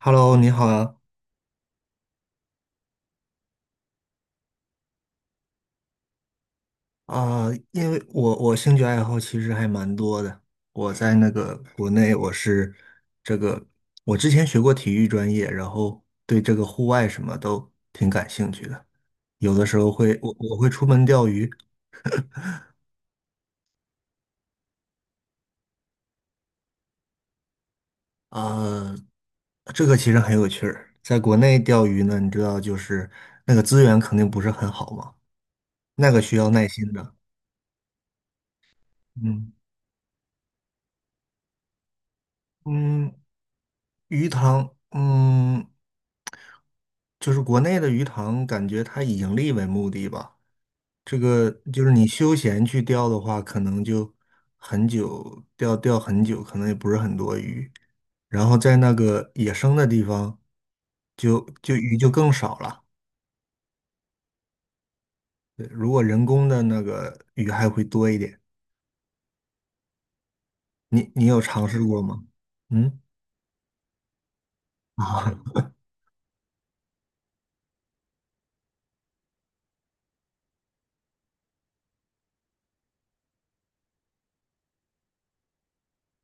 Hello，你好啊，啊、因为我兴趣爱好其实还蛮多的。我在那个国内，我是这个，我之前学过体育专业，然后对这个户外什么都挺感兴趣的。有的时候我会出门钓鱼，呃，这个其实很有趣儿。在国内钓鱼呢，你知道就是那个资源肯定不是很好嘛，那个需要耐心的。嗯嗯，鱼塘，嗯。就是国内的鱼塘，感觉它以盈利为目的吧。这个就是你休闲去钓的话，可能就很久，钓很久，可能也不是很多鱼。然后在那个野生的地方，就鱼就更少了。对，如果人工的那个鱼还会多一点。你有尝试过吗？嗯啊，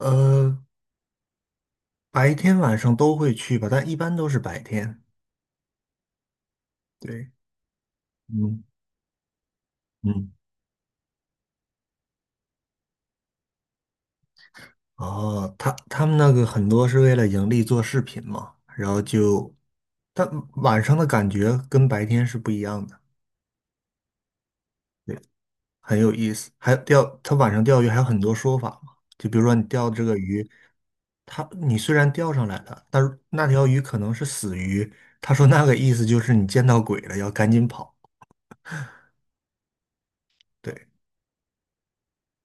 呃，白天晚上都会去吧，但一般都是白天。对，嗯嗯。哦，他们那个很多是为了盈利做视频嘛，然后就，但晚上的感觉跟白天是不一样的，对，很有意思。还有他晚上钓鱼还有很多说法嘛，就比如说你钓这个鱼，你虽然钓上来了，但是那条鱼可能是死鱼，他说那个意思就是你见到鬼了，要赶紧跑。对，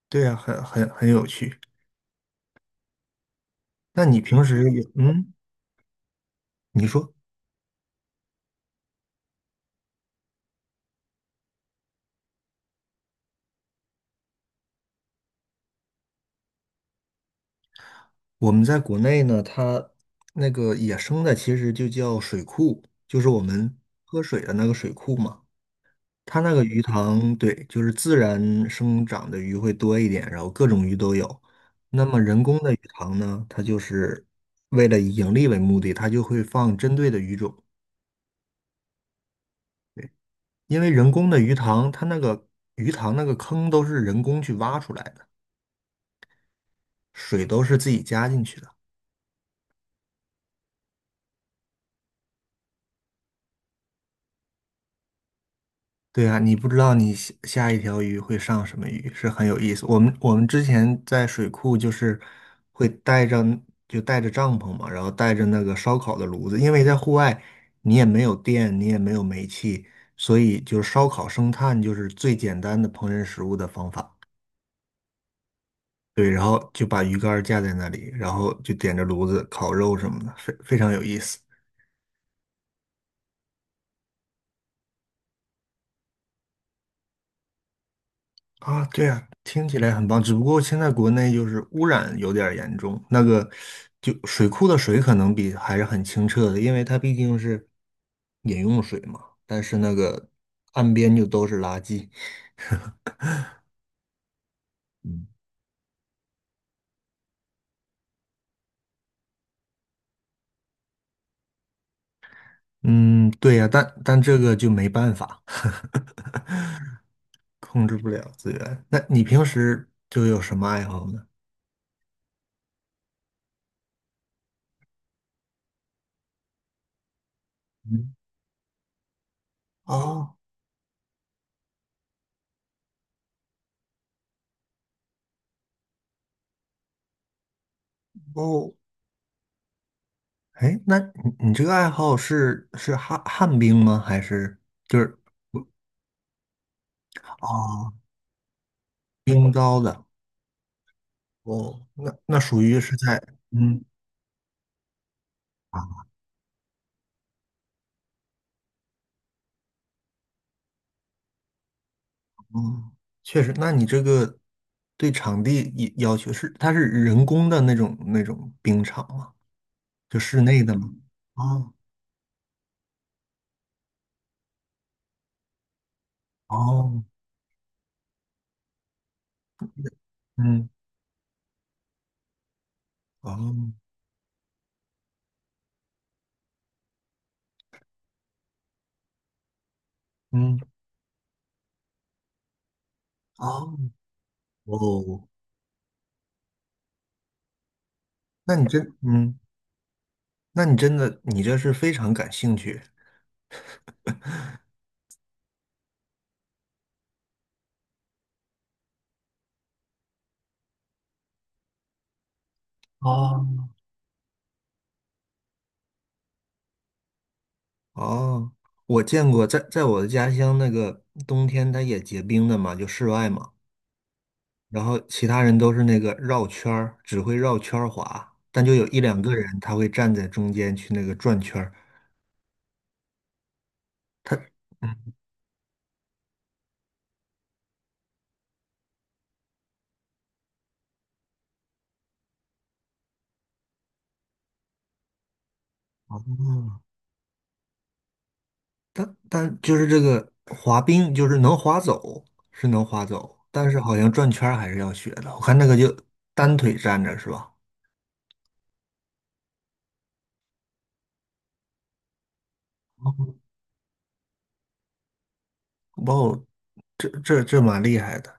对呀，很有趣。那你平时也，你说。我们在国内呢，它那个野生的其实就叫水库，就是我们喝水的那个水库嘛。它那个鱼塘，对，就是自然生长的鱼会多一点，然后各种鱼都有。那么人工的鱼塘呢，它就是为了以盈利为目的，它就会放针对的鱼种。因为人工的鱼塘，它那个鱼塘那个坑都是人工去挖出来的，水都是自己加进去的。对啊，你不知道你下下一条鱼会上什么鱼，是很有意思。我们之前在水库就是会带着就带着帐篷嘛，然后带着那个烧烤的炉子，因为在户外你也没有电，你也没有煤气，所以就是烧烤生炭就是最简单的烹饪食物的方法。对，然后就把鱼竿架在那里，然后就点着炉子烤肉什么的，非常有意思。啊，对啊，听起来很棒。只不过现在国内就是污染有点儿严重，那个就水库的水可能比还是很清澈的，因为它毕竟是饮用水嘛。但是那个岸边就都是垃圾。嗯，对呀，但这个就没办法，控制不了资源。那你平时就有什么爱好呢？嗯，哦哦，哎，那你这个爱好是旱冰吗？还是就是啊，冰刀的？哦，那属于是在嗯，啊，嗯，确实，那你这个对场地要求是，它是人工的那种冰场吗？就室内的吗？哦哦，嗯哦嗯哦哦，那你真嗯，那你真的你这是非常感兴趣哦，哦。我见过在我的家乡那个冬天它也结冰的嘛，就室外嘛。然后其他人都是那个绕圈儿，只会绕圈儿滑，但就有一两个人他会站在中间去那个转圈儿。他，嗯，哦，但就是这个滑冰，就是能滑走是能滑走，但是好像转圈儿还是要学的。我看那个就单腿站着是吧？哇哦，这蛮厉害的。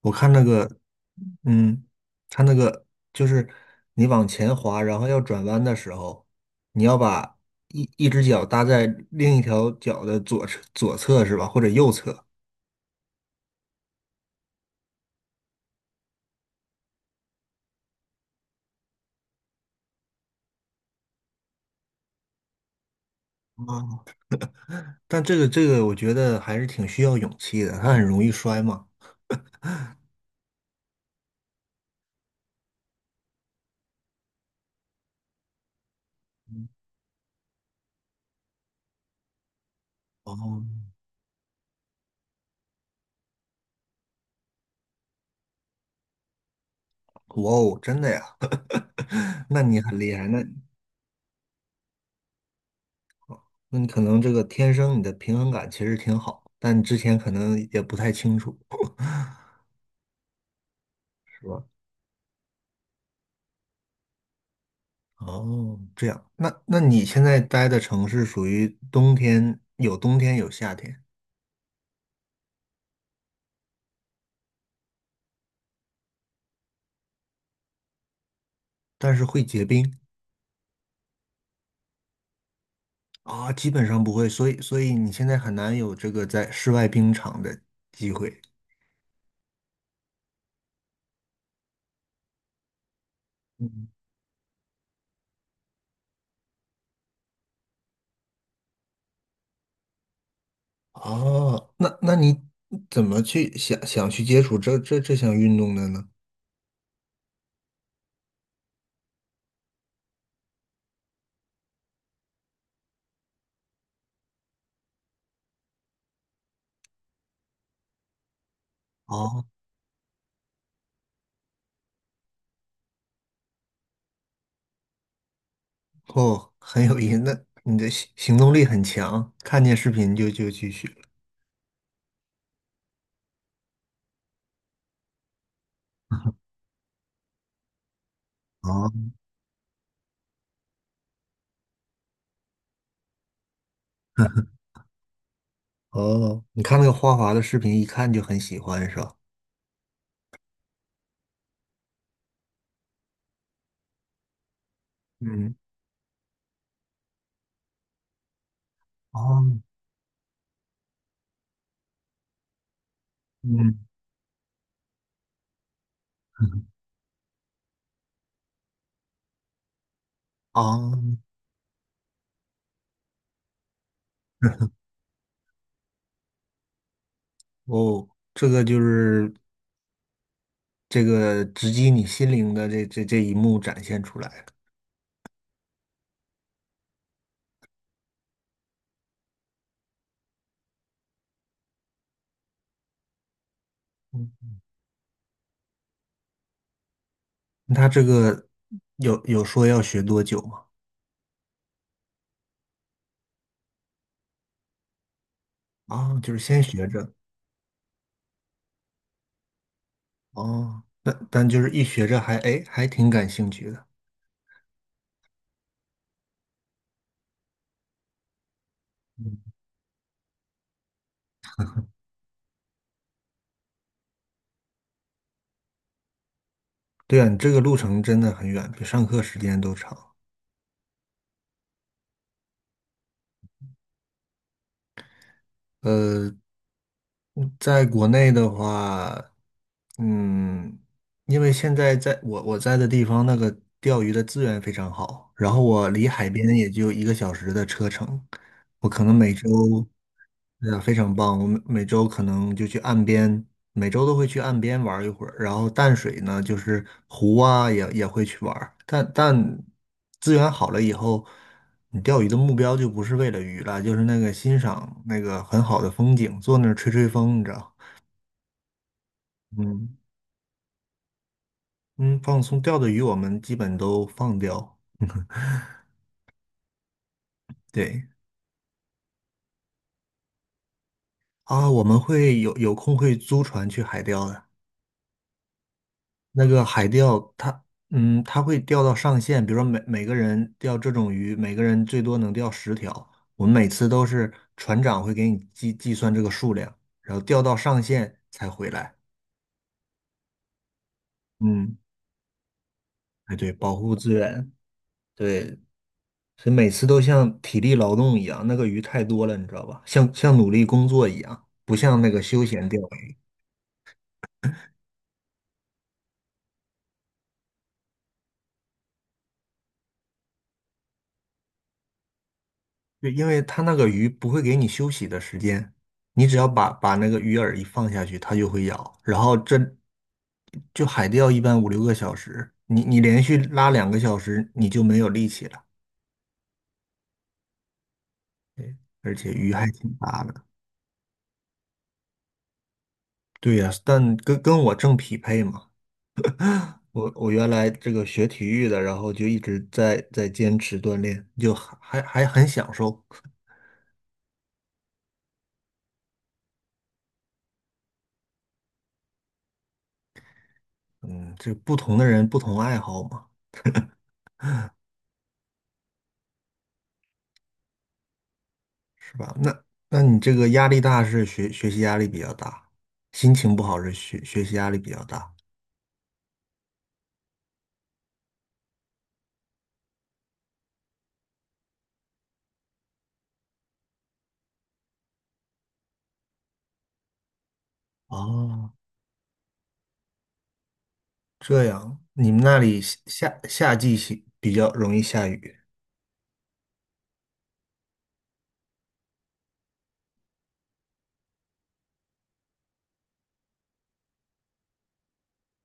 我看那个，嗯，它那个就是你往前滑，然后要转弯的时候，你要把一只脚搭在另一条脚的左侧是吧，或者右侧。哦但这个，我觉得还是挺需要勇气的，它很容易摔嘛。哦，哇哦，真的呀？那你很厉害，那你可能这个天生你的平衡感其实挺好，但之前可能也不太清楚，是吧？哦，这样，那你现在待的城市属于冬天，有冬天有夏天，但是会结冰啊，基本上不会，所以你现在很难有这个在室外冰场的机会。嗯，哦，那你怎么去想去接触这项运动的呢？哦哦，很有意思，那你的行动力很强，看见视频就去学了哦 哦，你看那个花滑的视频，一看就很喜欢，是吧？嗯，哦，嗯，啊，哦，这个就是这个直击你心灵的这一幕展现出来了。嗯，他这个有说要学多久吗？啊，就是先学着，哦，但就是一学着还挺感兴趣的。嗯，对啊，你这个路程真的很远，比上课时间都长。呃，在国内的话，嗯，因为现在在我在的地方，那个钓鱼的资源非常好，然后我离海边也就1个小时的车程，我可能每周，嗯，对呀，非常棒！我们每周可能就去岸边，每周都会去岸边玩一会儿。然后淡水呢，就是湖啊，也会去玩儿。但资源好了以后，你钓鱼的目标就不是为了鱼了，就是那个欣赏那个很好的风景，坐那儿吹吹风，你知道？嗯嗯，放松钓的鱼我们基本都放掉。对啊，我们有空会租船去海钓的。那个海钓，它会钓到上限，比如说每个人钓这种鱼，每个人最多能钓10条。我们每次都是船长会给你计算这个数量，然后钓到上限才回来。嗯，哎，对，保护资源，对，所以每次都像体力劳动一样，那个鱼太多了，你知道吧？像努力工作一样，不像那个休闲钓。对，因为它那个鱼不会给你休息的时间，你只要把那个鱼饵一放下去，它就会咬。然后这就海钓一般五六个小时，你连续拉2个小时，你就没有力气了。对，而且鱼还挺大的。对呀，但跟我正匹配嘛。我原来这个学体育的，然后就一直在坚持锻炼，就还很享受。嗯，这不同的人不同爱好嘛。是吧？那你这个压力大是学习压力比较大，心情不好是学习压力比较大。哦，这样，你们那里夏季是比较容易下雨。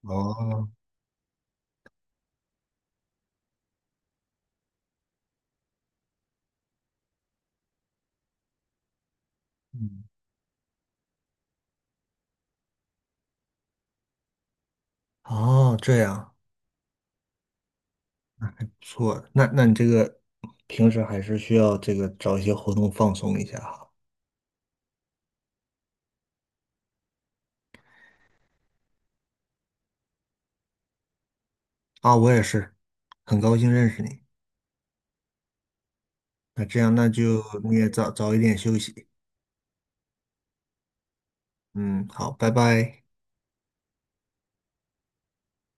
哦，嗯，哦，这样，不错。那你这个平时还是需要这个找一些活动放松一下哈。啊，我也是，很高兴认识你。那这样，那就你也早早一点休息。嗯，好，拜拜。